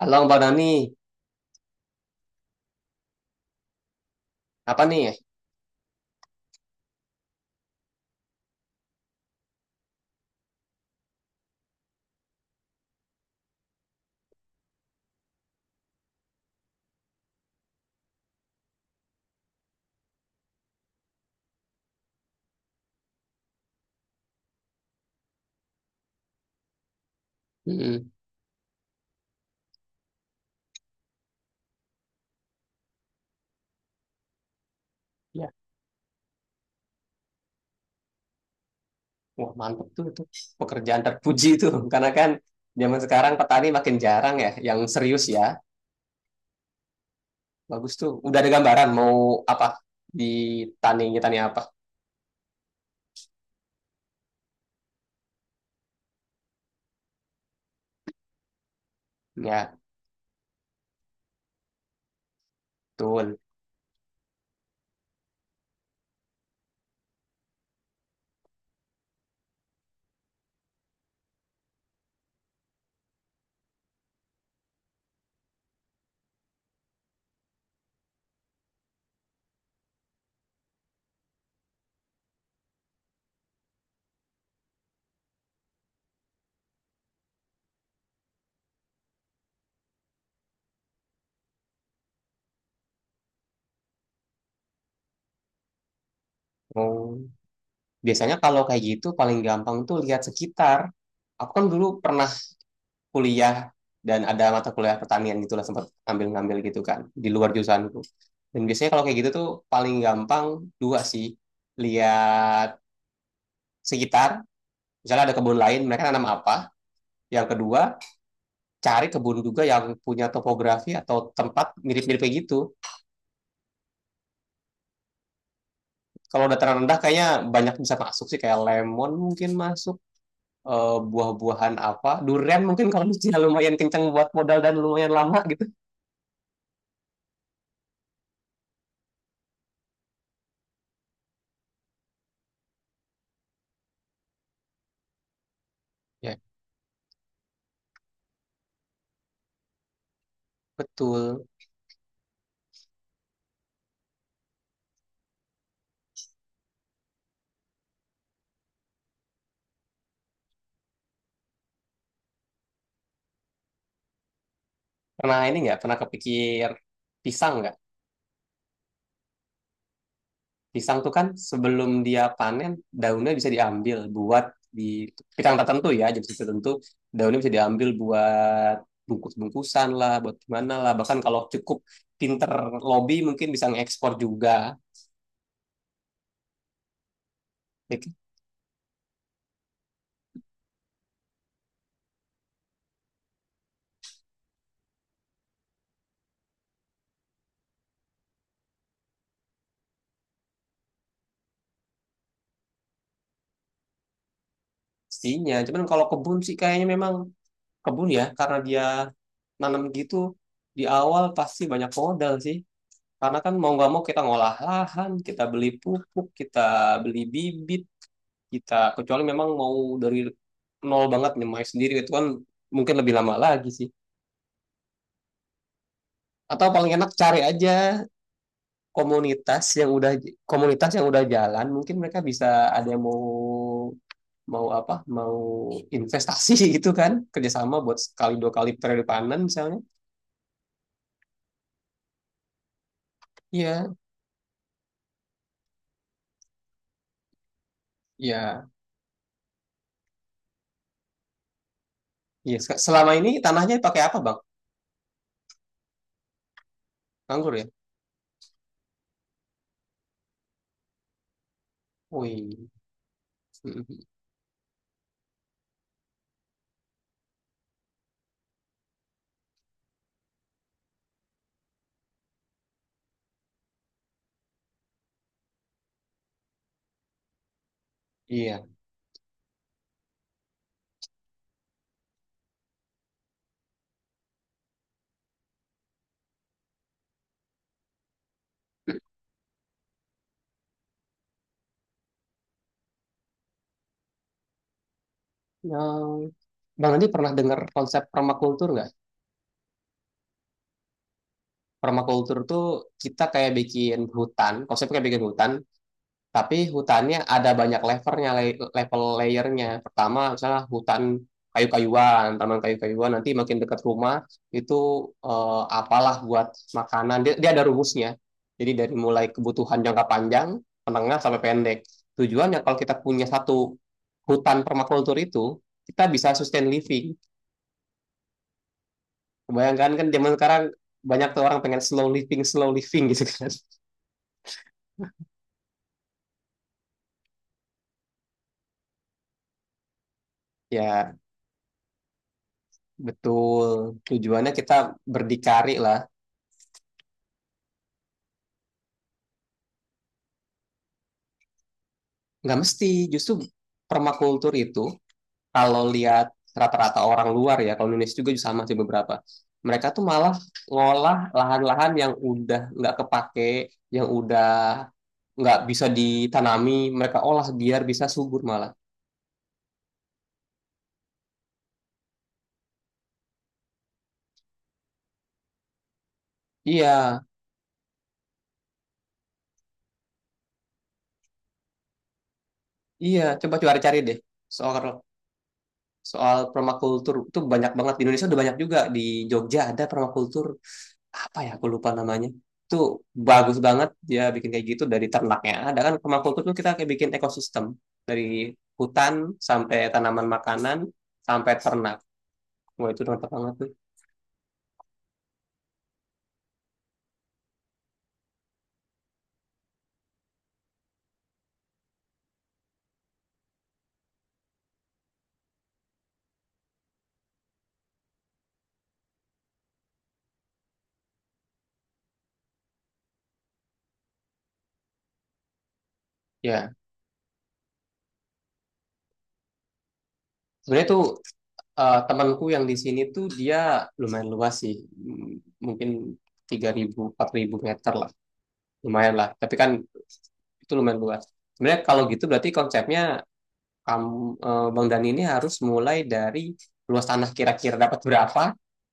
Halo Mbak Nani, apa nih ya? Mm-mm. Ya. Wah, mantep tuh itu pekerjaan terpuji tuh karena kan zaman sekarang petani makin jarang ya yang serius ya. Bagus tuh. Udah ada gambaran mau apa di tani tani apa? Ya, betul. Mau Biasanya kalau kayak gitu paling gampang tuh lihat sekitar. Aku kan dulu pernah kuliah dan ada mata kuliah pertanian gitu lah, sempat ngambil ngambil gitu kan di luar jurusanku. Dan biasanya kalau kayak gitu tuh paling gampang dua sih: lihat sekitar, misalnya ada kebun lain, mereka tanam apa. Yang kedua, cari kebun juga yang punya topografi atau tempat mirip-mirip kayak gitu. Kalau dataran rendah kayaknya banyak bisa masuk sih, kayak lemon mungkin masuk, eh, buah-buahan apa, durian mungkin, kalau lucunya lumayan kenceng buat modal dan lumayan lama gitu. Ya, betul. Pernah ini nggak? Pernah kepikir pisang nggak? Pisang tuh kan sebelum dia panen daunnya bisa diambil buat di pisang tertentu ya, jenis tertentu daunnya bisa diambil buat bungkus-bungkusan lah, buat gimana lah, bahkan kalau cukup pinter lobby mungkin bisa ngekspor juga, pastinya. Cuman kalau kebun sih kayaknya memang kebun ya, karena dia nanam gitu di awal pasti banyak modal sih, karena kan mau nggak mau kita ngolah lahan, kita beli pupuk, kita beli bibit kita, kecuali memang mau dari nol banget nyemai sendiri, itu kan mungkin lebih lama lagi sih. Atau paling enak cari aja komunitas yang udah komunitas yang udah jalan, mungkin mereka bisa, ada yang mau, mau apa mau investasi gitu kan, kerjasama buat sekali dua kali periode panen misalnya. Iya, iya, iya. Selama ini tanahnya pakai apa, Bang? Anggur ya. Wih iya, yang Bang Andi pernah dengar konsep permakultur nggak? Permakultur tuh kita kayak bikin hutan, konsepnya kayak bikin hutan, tapi hutannya ada banyak levelnya, level layernya. Pertama misalnya hutan kayu-kayuan, taman kayu-kayuan, nanti makin dekat rumah itu apalah buat makanan. Dia ada rumusnya. Jadi dari mulai kebutuhan jangka panjang, menengah sampai pendek. Tujuannya kalau kita punya satu hutan permakultur itu, kita bisa sustain living. Bayangkan kan zaman sekarang banyak tuh orang pengen slow living gitu kan. Ya, betul. Tujuannya kita berdikari lah. Nggak mesti, justru permakultur itu, kalau lihat rata-rata orang luar ya, kalau Indonesia juga sama sih beberapa, mereka tuh malah ngolah lahan-lahan yang udah nggak kepake, yang udah nggak bisa ditanami, mereka olah biar bisa subur malah. Iya, iya. Coba cari-cari deh soal soal permakultur itu. Banyak banget di Indonesia, udah banyak juga di Jogja ada permakultur apa ya, aku lupa namanya. Itu bagus banget, dia bikin kayak gitu, dari ternaknya ada kan, permakultur tuh kita kayak bikin ekosistem dari hutan sampai tanaman makanan sampai ternak. Wah, itu mantap banget tuh. Ya, sebenarnya tuh temanku yang di sini tuh dia lumayan luas sih. M- mungkin 3.000, 4.000 meter lah, lumayan lah. Tapi kan itu lumayan luas sebenarnya. Kalau gitu berarti konsepnya kamu, eh, Bang Dani ini harus mulai dari luas tanah kira-kira dapat berapa.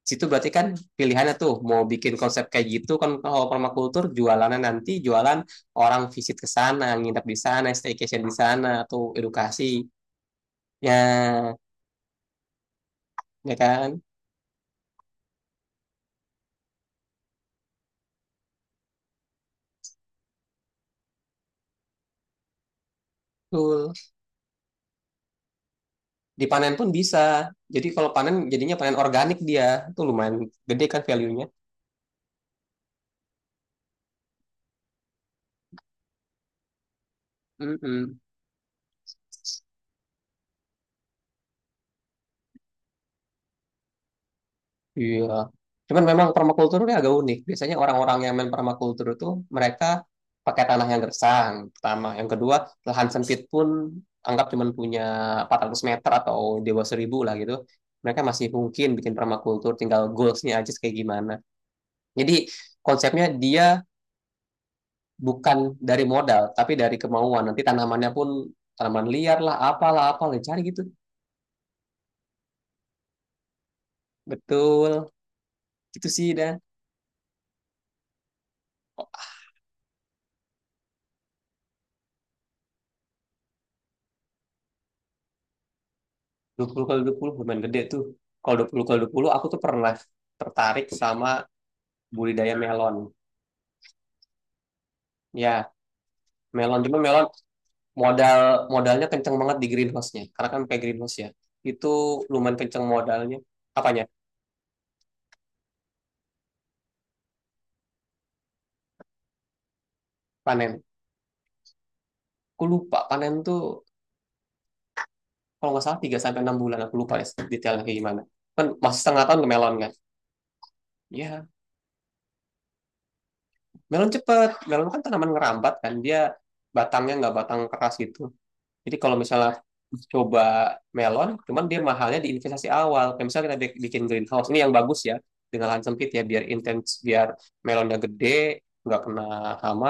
Situ berarti kan pilihannya tuh mau bikin konsep kayak gitu kan. Kalau permakultur, jualannya nanti jualan orang visit ke sana, nginep di sana, staycation di sana, atau edukasi. Ya, ya kan? Betul. Dipanen pun bisa. Jadi kalau panen, jadinya panen organik dia, tuh lumayan gede kan value-nya. Mm-mm. Iya. Cuman memang permakultur ini agak unik. Biasanya orang-orang yang main permakultur itu mereka pakai tanah yang gersang, yang pertama. Yang kedua, lahan sempit pun, anggap cuman punya 400 meter atau di 1.000 lah gitu, mereka masih mungkin bikin permakultur, tinggal goalsnya aja kayak gimana. Jadi konsepnya dia bukan dari modal, tapi dari kemauan. Nanti tanamannya pun tanaman liar lah, apalah, apalah, cari gitu. Betul. Gitu sih dah. 20 kali 20 lumayan gede tuh. Kalau 20 kali 20, aku tuh pernah tertarik sama budidaya melon. Ya, melon. Cuma melon modal modalnya kenceng banget di greenhouse-nya. Karena kan pakai greenhouse ya. Itu lumayan kenceng modalnya. Apanya? Panen. Aku lupa panen tuh kalau nggak salah 3 sampai 6 bulan, aku lupa ya detailnya kayak gimana. Kan masih setengah tahun ke melon kan. Ya, melon cepet. Melon kan tanaman ngerambat kan. Dia batangnya nggak batang keras gitu. Jadi kalau misalnya coba melon, cuman dia mahalnya di investasi awal. Kayak misalnya kita bikin greenhouse, ini yang bagus ya, dengan lahan sempit ya, biar intens, biar melonnya gede, nggak kena hama,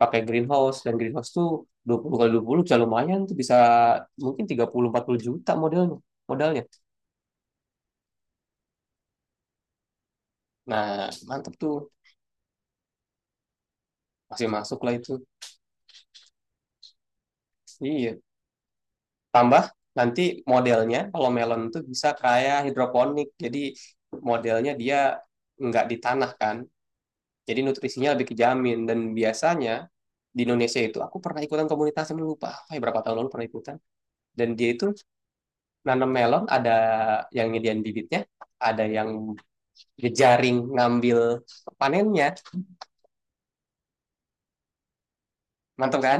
pakai greenhouse. Dan greenhouse tuh 20 kali 20 bisa lumayan tuh, bisa mungkin 30-40 juta modalnya. modalnya. Nah, mantep tuh, masih masuk lah itu. Iya, tambah nanti modelnya kalau melon tuh bisa kayak hidroponik, jadi modelnya dia nggak di tanah kan. Jadi nutrisinya lebih kejamin, dan biasanya di Indonesia itu aku pernah ikutan komunitas yang lupa apa ya, berapa tahun lalu pernah ikutan, dan dia itu nanam melon, ada yang nyediain bibitnya, ada yang jejaring ngambil panennya. Mantap kan.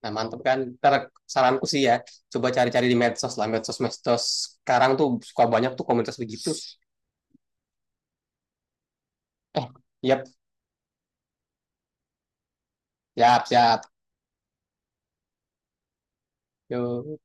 Nah, mantap kan. Ntar saranku sih ya, coba cari-cari di medsos lah, medsos medsos sekarang tuh suka banyak tuh komunitas begitu. Eh, yap, siap siap. Yuk.